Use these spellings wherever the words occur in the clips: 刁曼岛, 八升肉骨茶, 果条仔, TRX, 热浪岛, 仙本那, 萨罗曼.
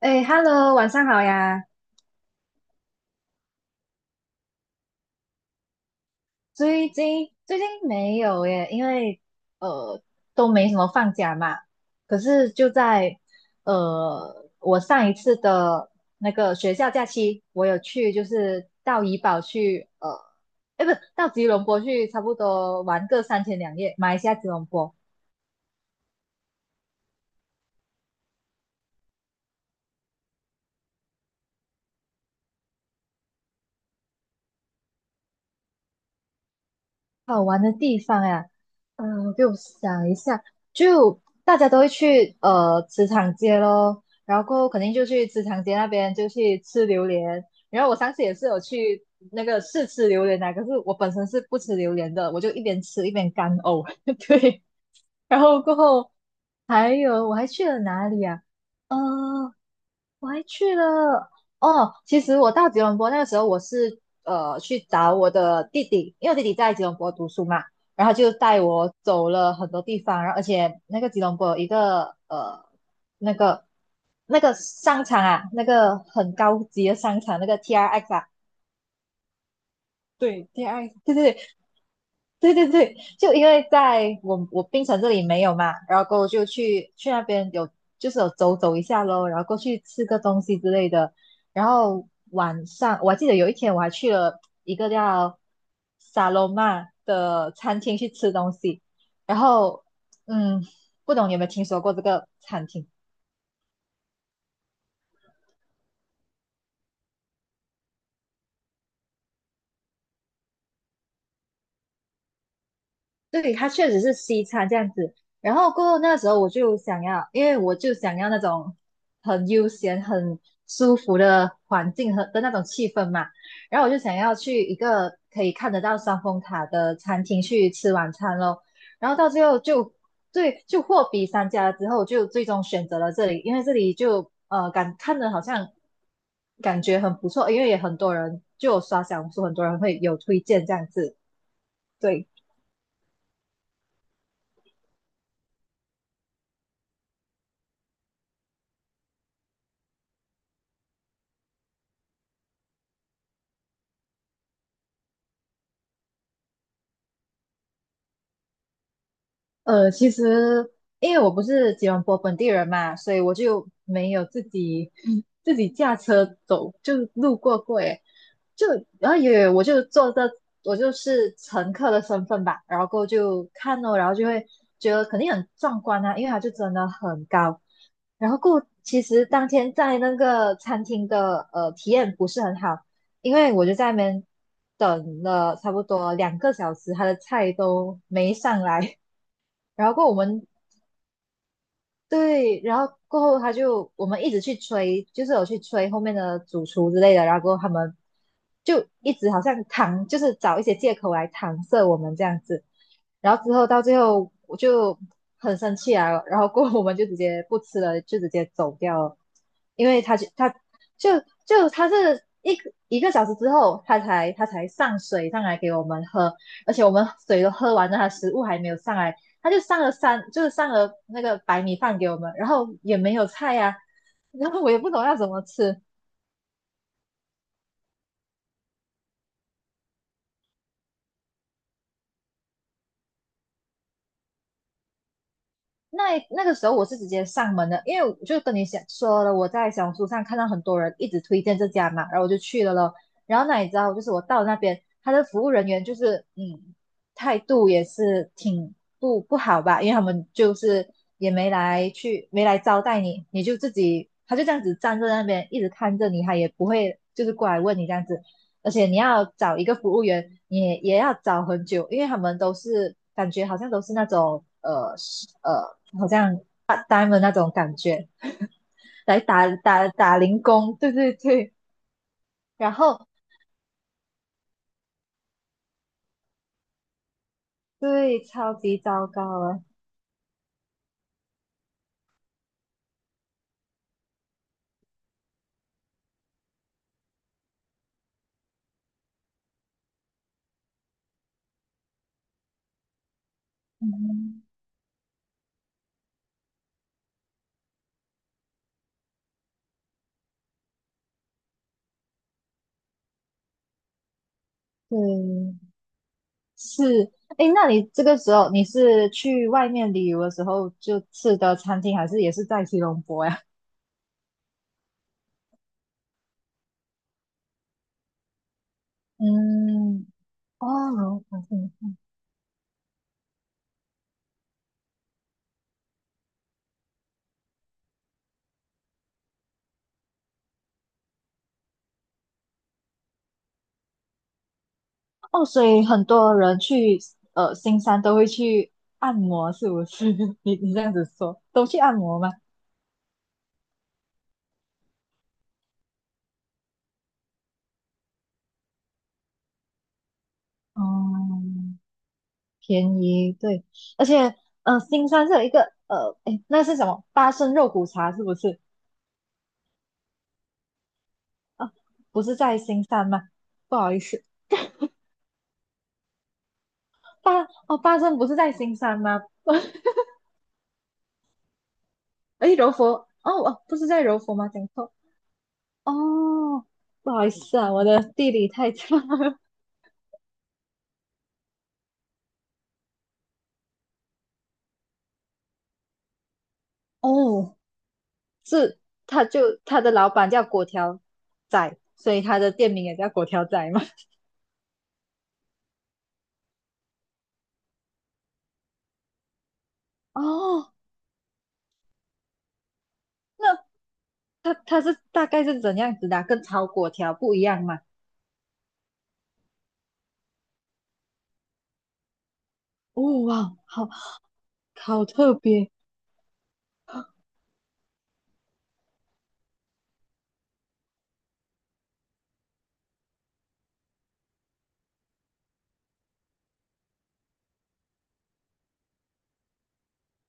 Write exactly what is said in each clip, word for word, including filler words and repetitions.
哎，Hello，晚上好呀。最近最近没有耶，因为呃都没什么放假嘛。可是就在呃我上一次的那个学校假期，我有去就是到怡保去呃，哎不，到吉隆坡去，差不多玩个三天两夜，马来西亚吉隆坡。好玩的地方呀，嗯、给我想一下，就大家都会去呃茨场街咯，然后肯定就去茨场街那边就去吃榴莲，然后我上次也是有去那个试吃榴莲的，可是我本身是不吃榴莲的，我就一边吃一边干呕，对，然后过后还有我还去了哪里啊？嗯。我还去了哦。其实我到吉隆坡那个时候，我是呃去找我的弟弟，因为我弟弟在吉隆坡读书嘛，然后就带我走了很多地方，然后而且那个吉隆坡有一个呃那个那个商场啊，那个很高级的商场，那个 T R X 啊。对，t r x 对对对，对对对，就因为在我我槟城这里没有嘛，然后过后就去去那边有就是有走走一下咯，然后过去吃个东西之类的，然后晚上我还记得有一天我还去了一个叫萨罗曼的餐厅去吃东西，然后嗯，不懂你有没有听说过这个餐厅？对，它确实是西餐这样子。然后过后那时候我就想要，因为我就想要那种很悠闲、很舒服的环境和的那种气氛嘛。然后我就想要去一个可以看得到双峰塔的餐厅去吃晚餐咯。然后到最后就对，就货比三家之后，就最终选择了这里，因为这里就呃感看着好像感觉很不错，因为也很多人就有刷小红书，很多人会有推荐这样子。对，呃，其实因为我不是吉隆坡本地人嘛，所以我就没有自己 自己驾车走，就路过过耶。就然后也我就坐着，我就是乘客的身份吧，然后过后就看哦，然后就会觉得肯定很壮观啊，因为它就真的很高。然后过后其实当天在那个餐厅的呃体验不是很好，因为我就在那边等了差不多两个小时，他的菜都没上来。然后过后我们对，然后过后他就我们一直去催，就是有去催后面的主厨之类的，然后过后他们就一直好像搪，就是找一些借口来搪塞我们这样子。然后之后到最后我就很生气啊，然后过后我们就直接不吃了，就直接走掉了，因为他就他就就他是一个一个小时之后，他才他才上水上来给我们喝，而且我们水都喝完了，他食物还没有上来，他就上了三，就是上了那个白米饭给我们，然后也没有菜呀、啊然后我也不懂要怎么吃。那那个时候我是直接上门的，因为我就跟你想说了，我在小红书上看到很多人一直推荐这家嘛，然后我就去了咯。然后那你知道，就是我到那边，他的服务人员就是嗯，态度也是挺不不好吧，因为他们就是也没来去没来招待你，你就自己他就这样子站在那边一直看着你，他也不会就是过来问你这样子。而且你要找一个服务员，也也要找很久，因为他们都是感觉好像都是那种呃呃，好像 p a r 的那种感觉，来打打打零工，对对对，然后对，超级糟糕啊，嗯，对，是，诶，那你这个时候你是去外面旅游的时候就吃的餐厅，还是也是在吉隆坡呀？嗯，哦，好好哦，所以很多人去呃新山都会去按摩，是不是？你你这样子说，都去按摩吗？嗯，便宜，对，而且呃新山是有一个呃，诶，那是什么？八升肉骨茶是不是？不是在新山吗？不好意思，八哦八升不是在新山吗？诶，柔佛哦哦，不是在柔佛吗？讲错哦，不好意思啊，我的地理太差了。哦，是他就他的老板叫果条仔，所以他的店名也叫果条仔嘛。哦那他他是大概是怎样子的啊跟炒果条不一样嘛？哦哇，好好特别，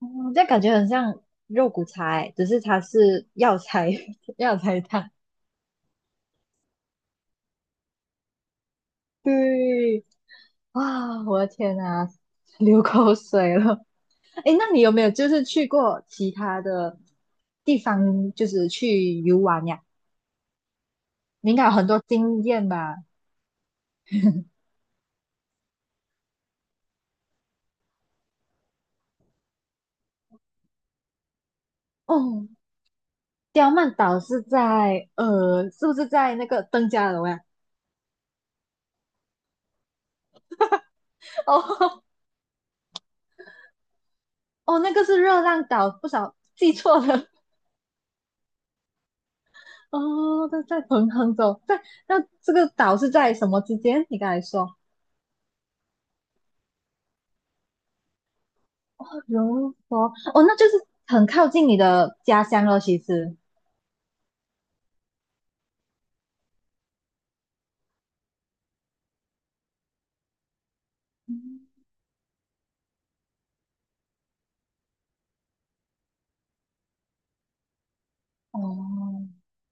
哦，这样感觉很像肉骨茶欸，只是它是药材 药材汤。对，啊，我的天啊，流口水了。哎，那你有没有就是去过其他的地方，就是去游玩呀？你应该有很多经验吧？哦，刁曼岛是在呃，是不是在那个登嘉楼呀？哦哦，那个是热浪岛，不少记错了。哦，在在彭亨州，在那这个岛是在什么之间？你刚才说柔佛，哦，那就是很靠近你的家乡了，其实。哦，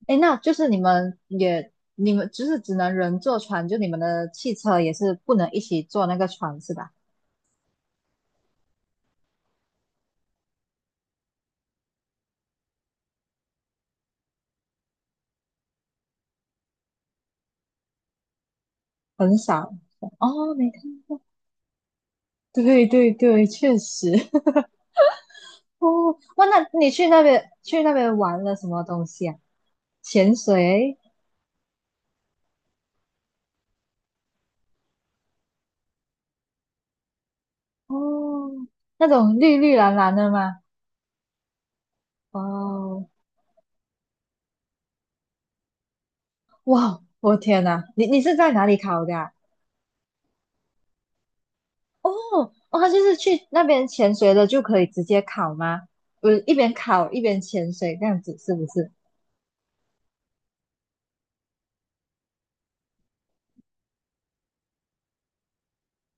哎，那就是你们也，你们就是只能人坐船，就你们的汽车也是不能一起坐那个船是吧？很少。哦，没 对对对，确实。哦，哇，那你去那边去那边玩了什么东西啊？潜水？哦，那种绿绿蓝蓝的吗？哦，哇，我天呐，你你是在哪里考的啊？哦，哦，他就是去那边潜水的就可以直接考吗？我一边考一边潜水这样子是不是？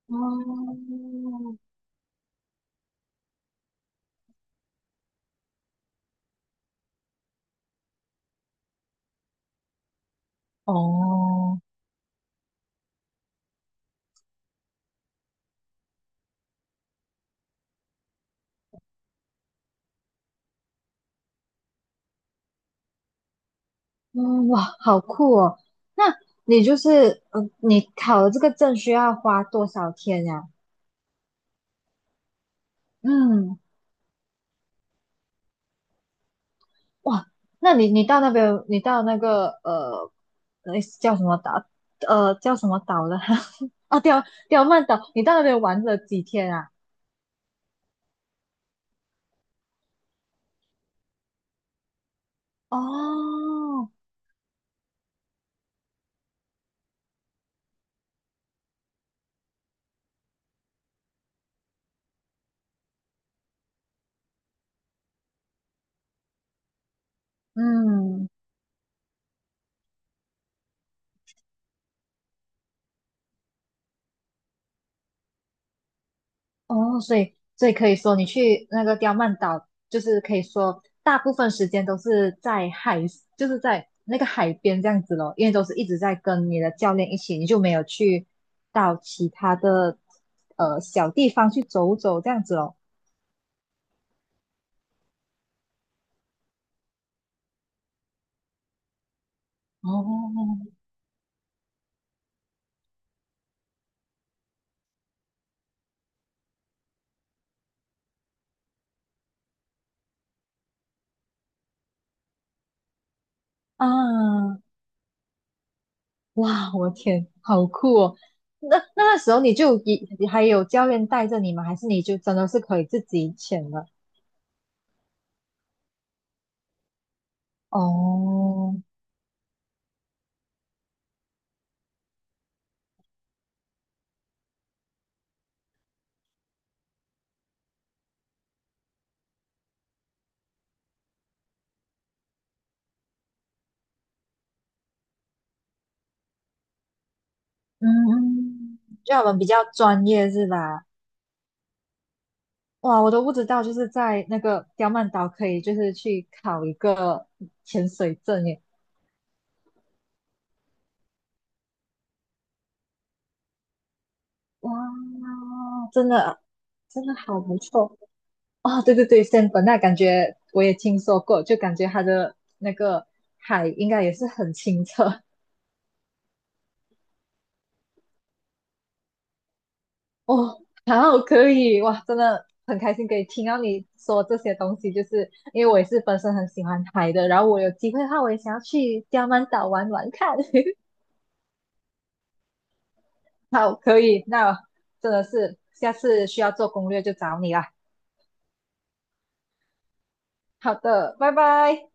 哦，哦。嗯，哇，好酷哦！那你就是，嗯，你考了这个证需要花多少天呀？嗯，哇，那你你到那边，你到那个呃，那叫什么岛？呃，叫什么岛了？哦，刁刁曼岛，你到那边玩了几天啊？哦，嗯。哦，所以所以可以说，你去那个刁曼岛，就是可以说大部分时间都是在海，就是在那个海边这样子咯，因为都是一直在跟你的教练一起，你就没有去到其他的呃小地方去走走这样子咯。哦，啊，哇，我天，好酷哦！那那个时候你就一还有教练带着你吗？还是你就真的是可以自己潜了？哦，嗯嗯，就我们比较专业是吧？哇，我都不知道，就是在那个刁曼岛可以就是去考一个潜水证耶！哇，真的真的好不错哦！对对对，仙本那感觉我也听说过，就感觉它的那个海应该也是很清澈，哦，好，可以，哇，真的很开心可以听到你说这些东西，就是因为我也是本身很喜欢海的，然后我有机会的话，我也想要去刁曼岛玩玩看。好，可以，那真的是下次需要做攻略就找你啦。好的，拜拜。